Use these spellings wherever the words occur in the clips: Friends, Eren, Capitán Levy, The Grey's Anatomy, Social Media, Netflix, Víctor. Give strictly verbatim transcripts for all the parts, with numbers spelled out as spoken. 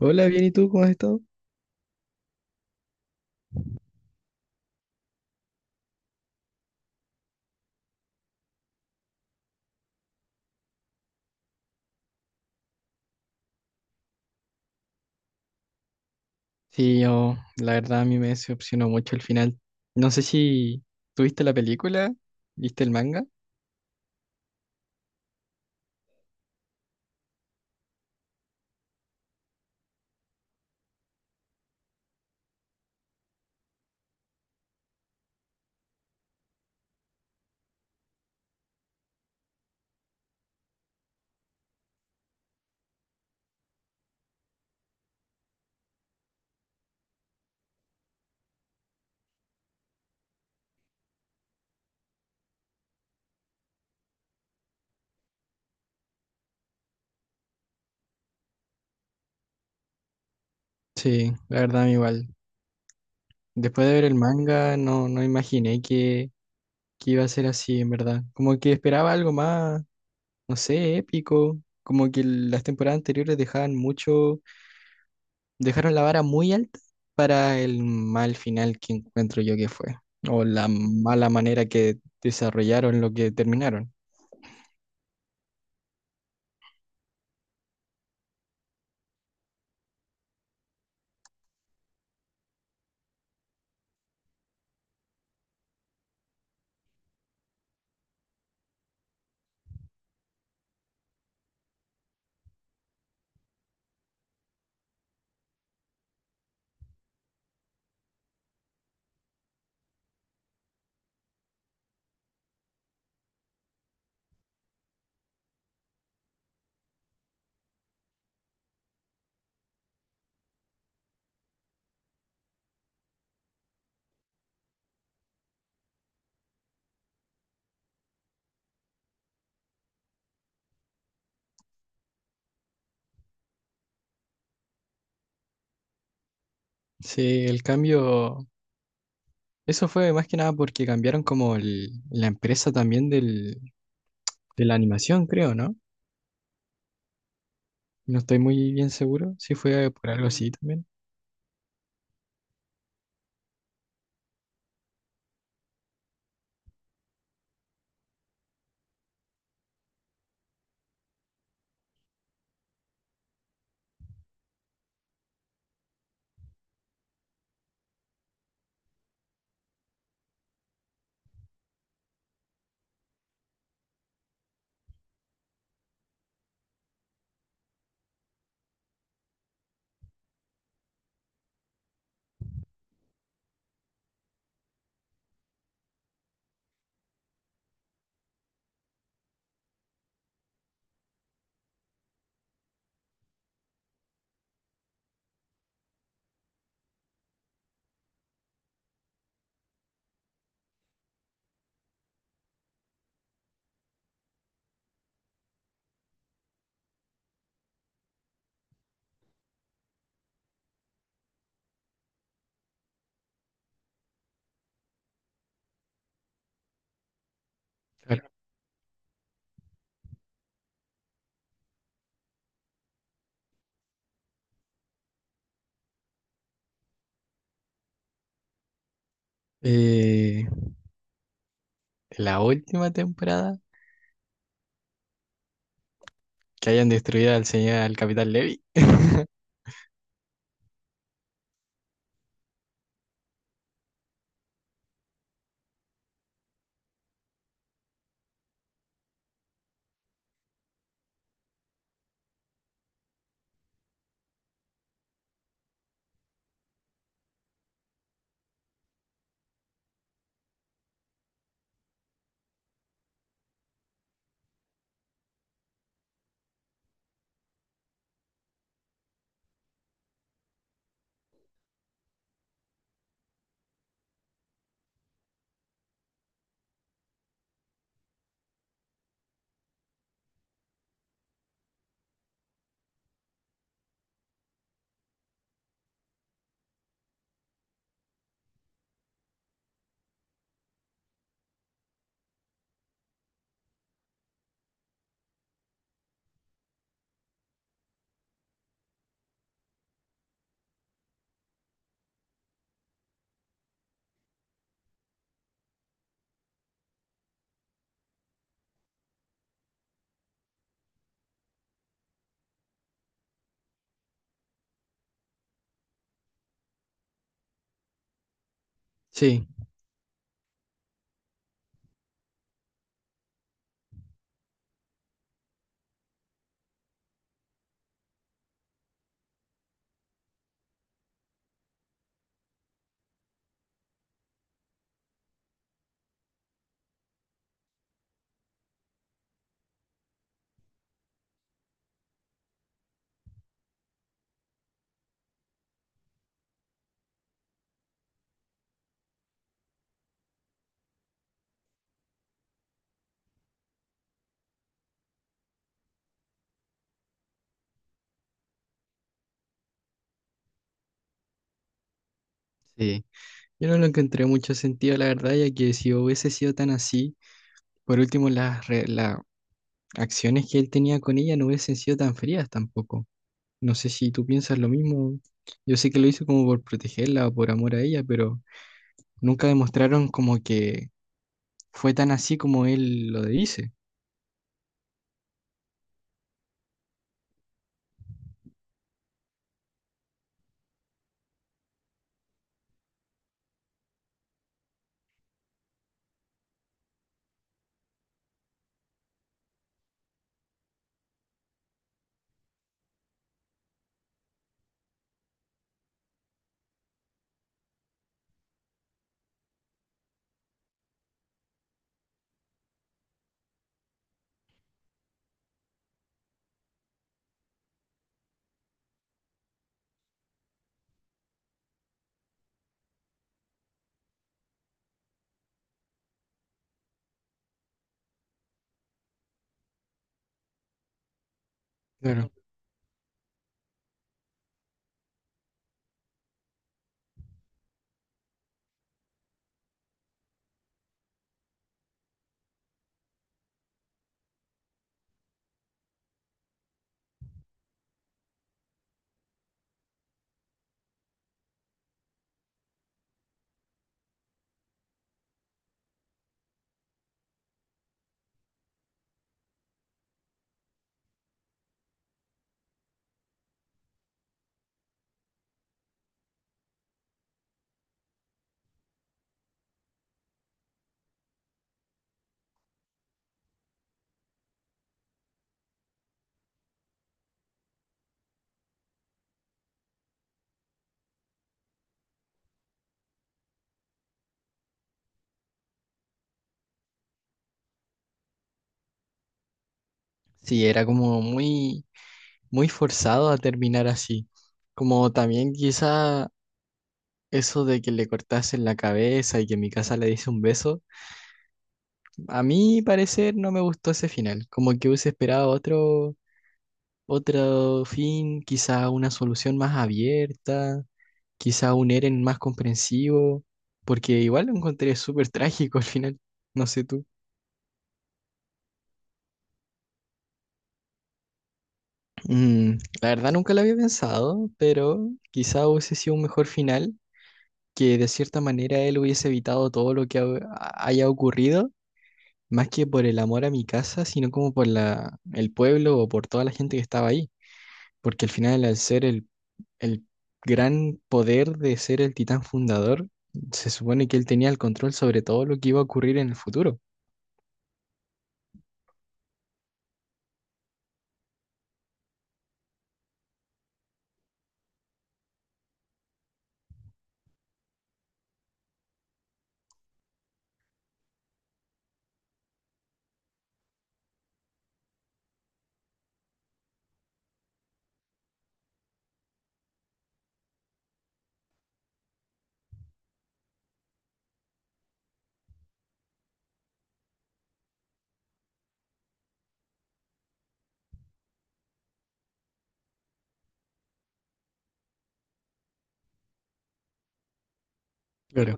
Hola, bien, ¿y tú cómo has estado? Sí, yo, la verdad, a mí me decepcionó mucho el final. No sé si tuviste la película, viste el manga. Sí, la verdad, a mí igual. Después de ver el manga, no, no imaginé que, que iba a ser así, en verdad. Como que esperaba algo más, no sé, épico. Como que las temporadas anteriores dejaban mucho, dejaron la vara muy alta para el mal final que encuentro yo que fue. O la mala manera que desarrollaron lo que terminaron. Sí, el cambio, eso fue más que nada porque cambiaron como el- la empresa también del, de la animación, creo, ¿no? No estoy muy bien seguro si fue por algo así también. Claro. Eh, la última temporada, que hayan destruido al señor, al Capitán Levy. Sí, sí. Yo no lo encontré mucho sentido, la verdad, ya que si hubiese sido tan así, por último, las, re- las acciones que él tenía con ella no hubiesen sido tan frías tampoco. No sé si tú piensas lo mismo. Yo sé que lo hizo como por protegerla o por amor a ella, pero nunca demostraron como que fue tan así como él lo dice. Claro. Sí, era como muy, muy forzado a terminar así. Como también quizá eso de que le cortasen la cabeza y que mi casa le diese un beso. A mi parecer no me gustó ese final. Como que hubiese esperado otro, otro fin, quizá una solución más abierta. Quizá un Eren más comprensivo, porque igual lo encontré súper trágico al final. No sé tú. Mm, la verdad nunca lo había pensado, pero quizá hubiese sido un mejor final, que de cierta manera él hubiese evitado todo lo que ha- haya ocurrido, más que por el amor a mi casa, sino como por la, el pueblo o por toda la gente que estaba ahí. Porque al final, al ser el, el gran poder de ser el titán fundador, se supone que él tenía el control sobre todo lo que iba a ocurrir en el futuro. Claro.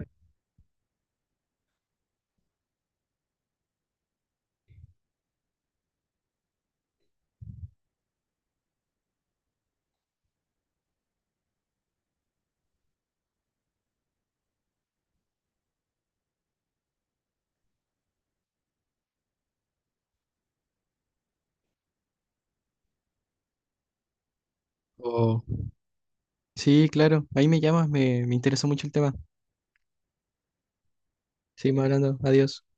O sí, claro, ahí me llamas, me, me interesa mucho el tema. Seguimos hablando, adiós.